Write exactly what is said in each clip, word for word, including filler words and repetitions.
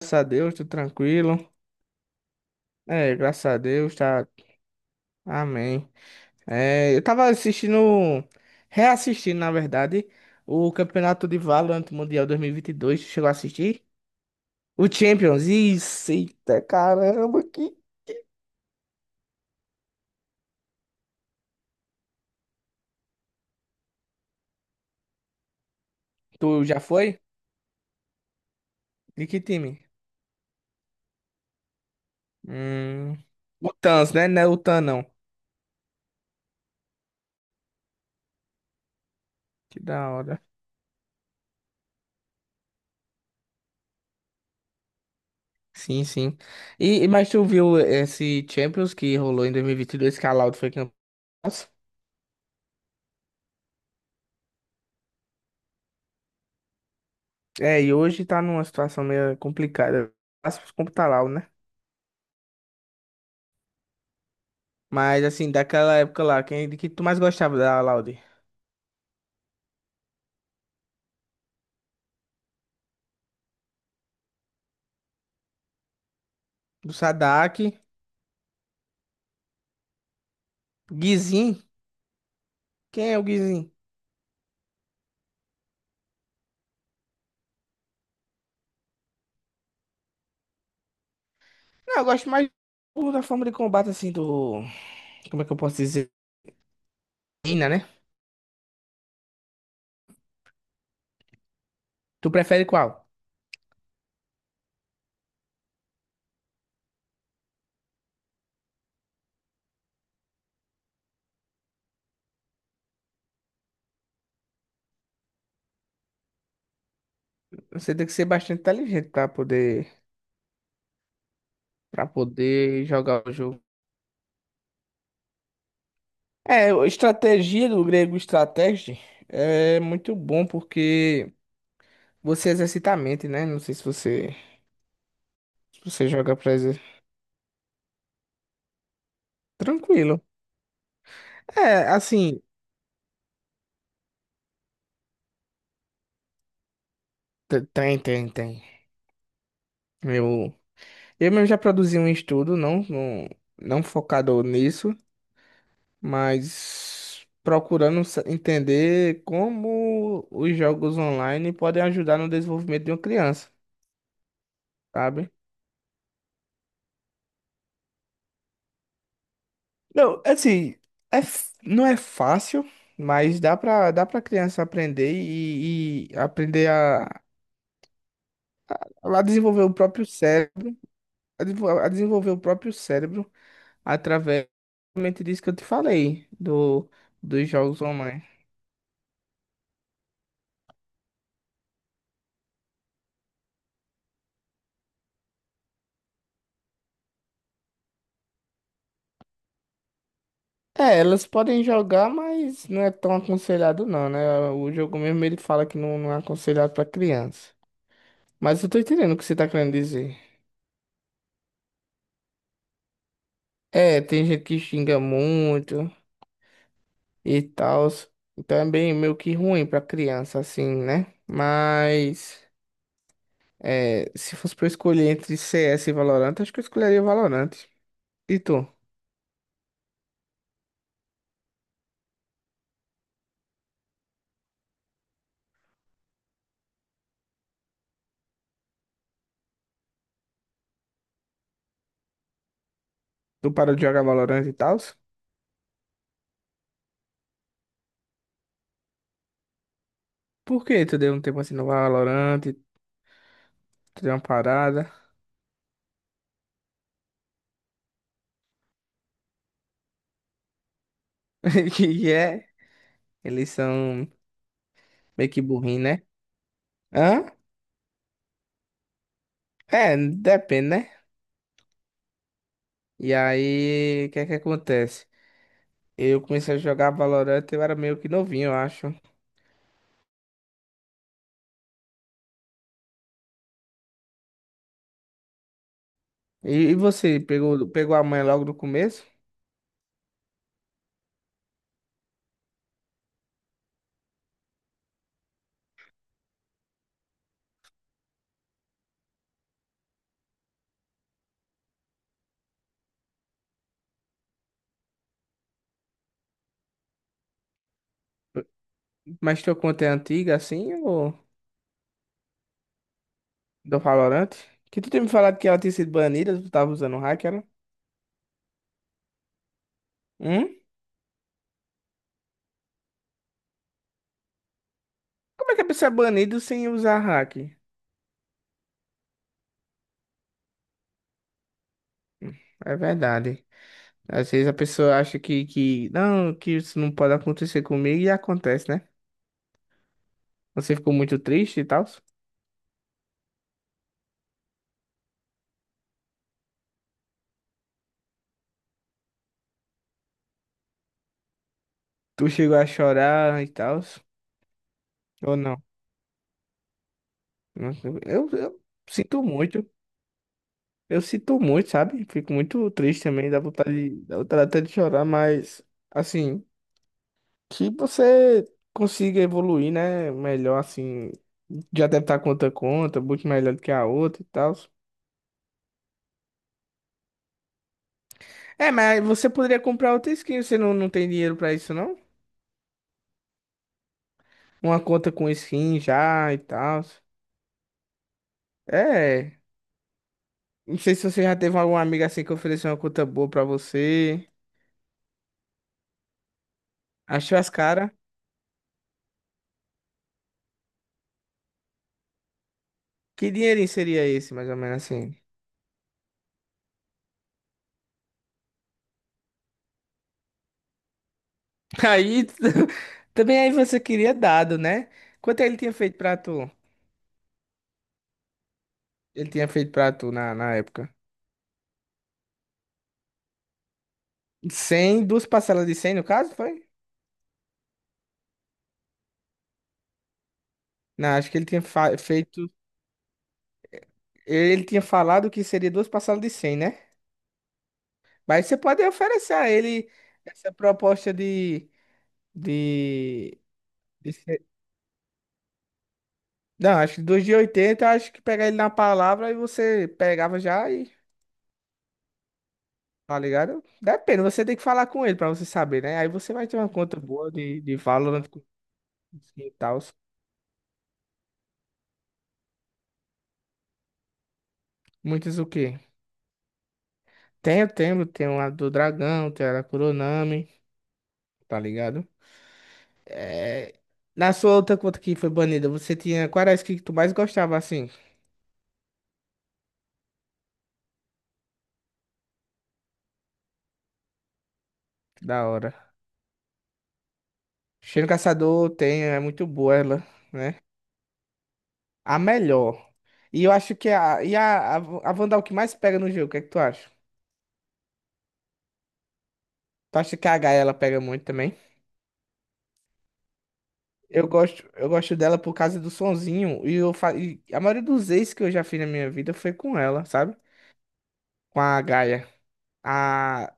Graças a Deus, tudo tranquilo. É, graças a Deus, tá. Amém. É, eu tava assistindo, reassistindo, na verdade, o Campeonato de Valorant Mundial dois mil e vinte e dois. Tu chegou a assistir? O Champions. Isso, eita, caramba, que. Tu já foi? De que time? Hum, o Tans, né? Não é o Tan, não. Que da hora. Sim, sim. E, e- mas tu viu esse Champions que rolou em dois mil e vinte e dois que a Loud foi campeã? É, e hoje tá numa situação meio complicada. Aspas como tá Lau, né? Mas assim, daquela época lá, quem de que tu mais gostava da Laude? Do Sadak, Guizin? Quem é o Guizin? Não, eu gosto mais do- da forma de combate assim do, como é que eu posso dizer? Ina, né? Tu prefere qual? Você tem que ser bastante inteligente pra poder para poder jogar o jogo. É, a estratégia do grego estratégia é muito bom porque você exercita a mente, né? Não sei se você se você joga pra exer- Tranquilo. É, assim, te- tem, tem, tem. Eu, eu mesmo já produzi um estudo, não, não, não focado nisso, mas procurando sa- entender como os jogos online podem ajudar no desenvolvimento de uma criança, sabe? Não, assim, é, f- não é fácil, mas dá pra, dá pra criança aprender e, e aprender a, a desenvolver o próprio cérebro, a desenvol- a desenvolver o próprio cérebro através realmente disso que eu te falei, do, dos jogos online. É, elas podem jogar, mas não é tão aconselhado não, né? O jogo mesmo ele fala que não, não é aconselhado pra criança. Mas eu tô entendendo o que você tá querendo dizer. É, tem gente que xinga muito e tal. Então é bem meio que ruim pra criança, assim, né? Mas é, se fosse pra eu escolher entre C S e Valorant, acho que eu escolheria Valorant. E tu? Tu parou de jogar Valorant e tal? Por que tu deu um tempo assim no Valorant, tu deu uma parada? Que é, eles são meio que burrinho, né? Hã? É, depende, né? E aí, o que é que acontece? Eu comecei a jogar Valorant, eu era meio que novinho, eu acho. E, e você, pegou, pegou a manha logo no começo? Mas tua conta é antiga, assim, ou do Valorant? Que tu tinha me falado que ela tinha sido banida, tu tava usando hack, era? Hum? Como é que a pessoa é banida sem usar hack? Hum, É verdade. Às vezes a pessoa acha que, que não, que isso não pode acontecer comigo e acontece, né? Você ficou muito triste e tal? Tu chegou a chorar e tal? Ou não? Eu, eu sinto muito. Eu sinto muito, sabe? Fico muito triste também, dá vontade, de- dá vontade até de chorar, mas assim, que você consiga evoluir, né? Melhor assim. Já deve estar com outra conta, muito melhor do que a outra e tal. É, mas você poderia comprar outra skin, você não, não tem dinheiro pra isso, não? Uma conta com skin já e tal. É. Não sei se você já teve algum amigo assim que ofereceu uma conta boa pra você. Achou as caras. Que dinheirinho seria esse, mais ou menos assim? Aí, também aí você queria dado, né? Quanto ele tinha feito pra tu? Ele tinha feito pra tu na, na época? cem, duas parcelas de cem no caso, foi? Não, acho que ele tinha fa- feito. Ele tinha falado que seria duas parcelas de cem, né? Mas você pode oferecer a ele essa proposta de, de Esse- é, não, acho que dos de oitenta. Acho que pegar ele na palavra e você pegava já e, tá ligado? Depende, você tem que falar com ele pra você saber, né? Aí você vai ter uma conta boa de, de Valorant com- e tal. Muitas o quê? Tenho, tenho, tenho a do Dragão, tenho a da Kuronami, tá ligado? É... Na sua outra conta que foi banida, você tinha. Qual era a skin que tu mais gostava assim? Da hora. Cheiro Caçador tem, é muito boa ela, né? A melhor. E eu acho que a, e a, a, a Wanda é que mais pega no jogo, o que é que tu acha? Tu acha que a Gaia ela pega muito também? Eu gosto, eu gosto dela por causa do sonzinho. E, eu, fa- e a maioria dos ex que eu já fiz na minha vida foi com ela, sabe? Com a Gaia. A,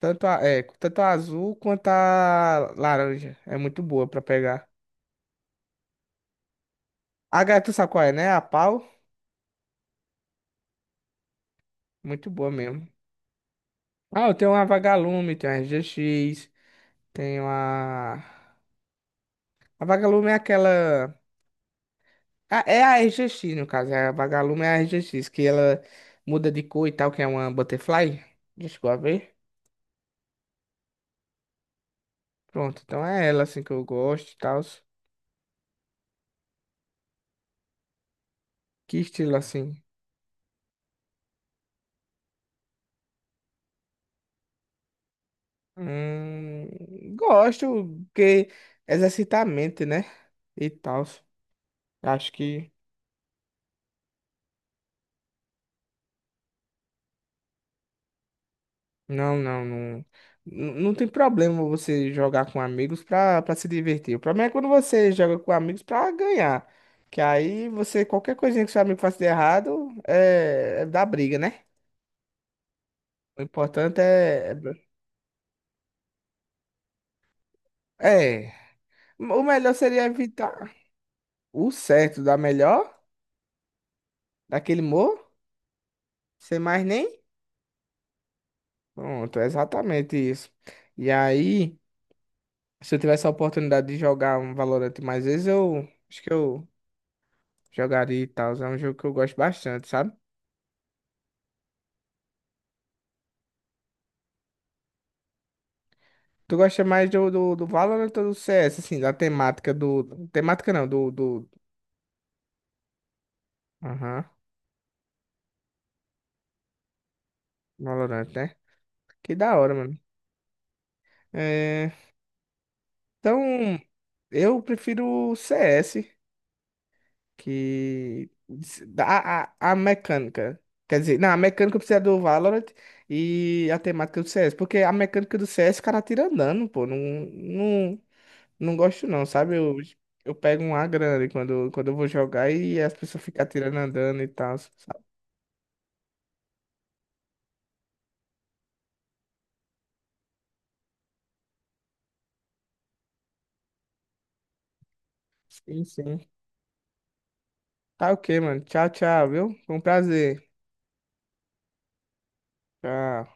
tanto, a, é, tanto a azul quanto a laranja. É muito boa pra pegar. A Gaia, tu sabe qual é, né? A pau. Muito boa mesmo. Ah, eu tenho uma Vagalume, tenho a R G X, tenho a. A Vagalume é aquela. Ah, é a R G X, no caso, é a Vagalume é a R G X, que ela muda de cor e tal, que é uma butterfly. Já chegou a ver? Pronto, então é ela assim que eu gosto e tal. Que estilo assim? Hum, gosto, porque exercita a mente, né? E tal. Acho que não, não, não. N- Não tem problema você jogar com amigos pra, pra se divertir. O problema é quando você joga com amigos pra ganhar. Que aí você, qualquer coisinha que seu amigo faça de errado, é, é dá briga, né? O importante é. É. É, o melhor seria evitar o certo da melhor, daquele morro, sem mais nem. Pronto, é exatamente isso. E aí, se eu tivesse a oportunidade de jogar um Valorant mais vezes, eu acho que eu jogaria e tal. É um jogo que eu gosto bastante, sabe? Tu gosta mais do, do, do Valorant ou do C S, assim, da temática do. Temática não, do. Do... Aham, Valorant, né? Que da hora, mano. É, então, eu prefiro o C S. que a, a, a mecânica, quer dizer, não, a mecânica precisa do Valorant e a temática do C S, porque a mecânica do C S o cara tira andando, pô, não, não, não gosto não, sabe? Eu, eu pego um A grande quando, quando eu vou jogar e as pessoas ficam atirando andando e tal, sabe? Sim, sim. Tá OK, mano. Tchau, tchau, viu? Foi um prazer. Tchau.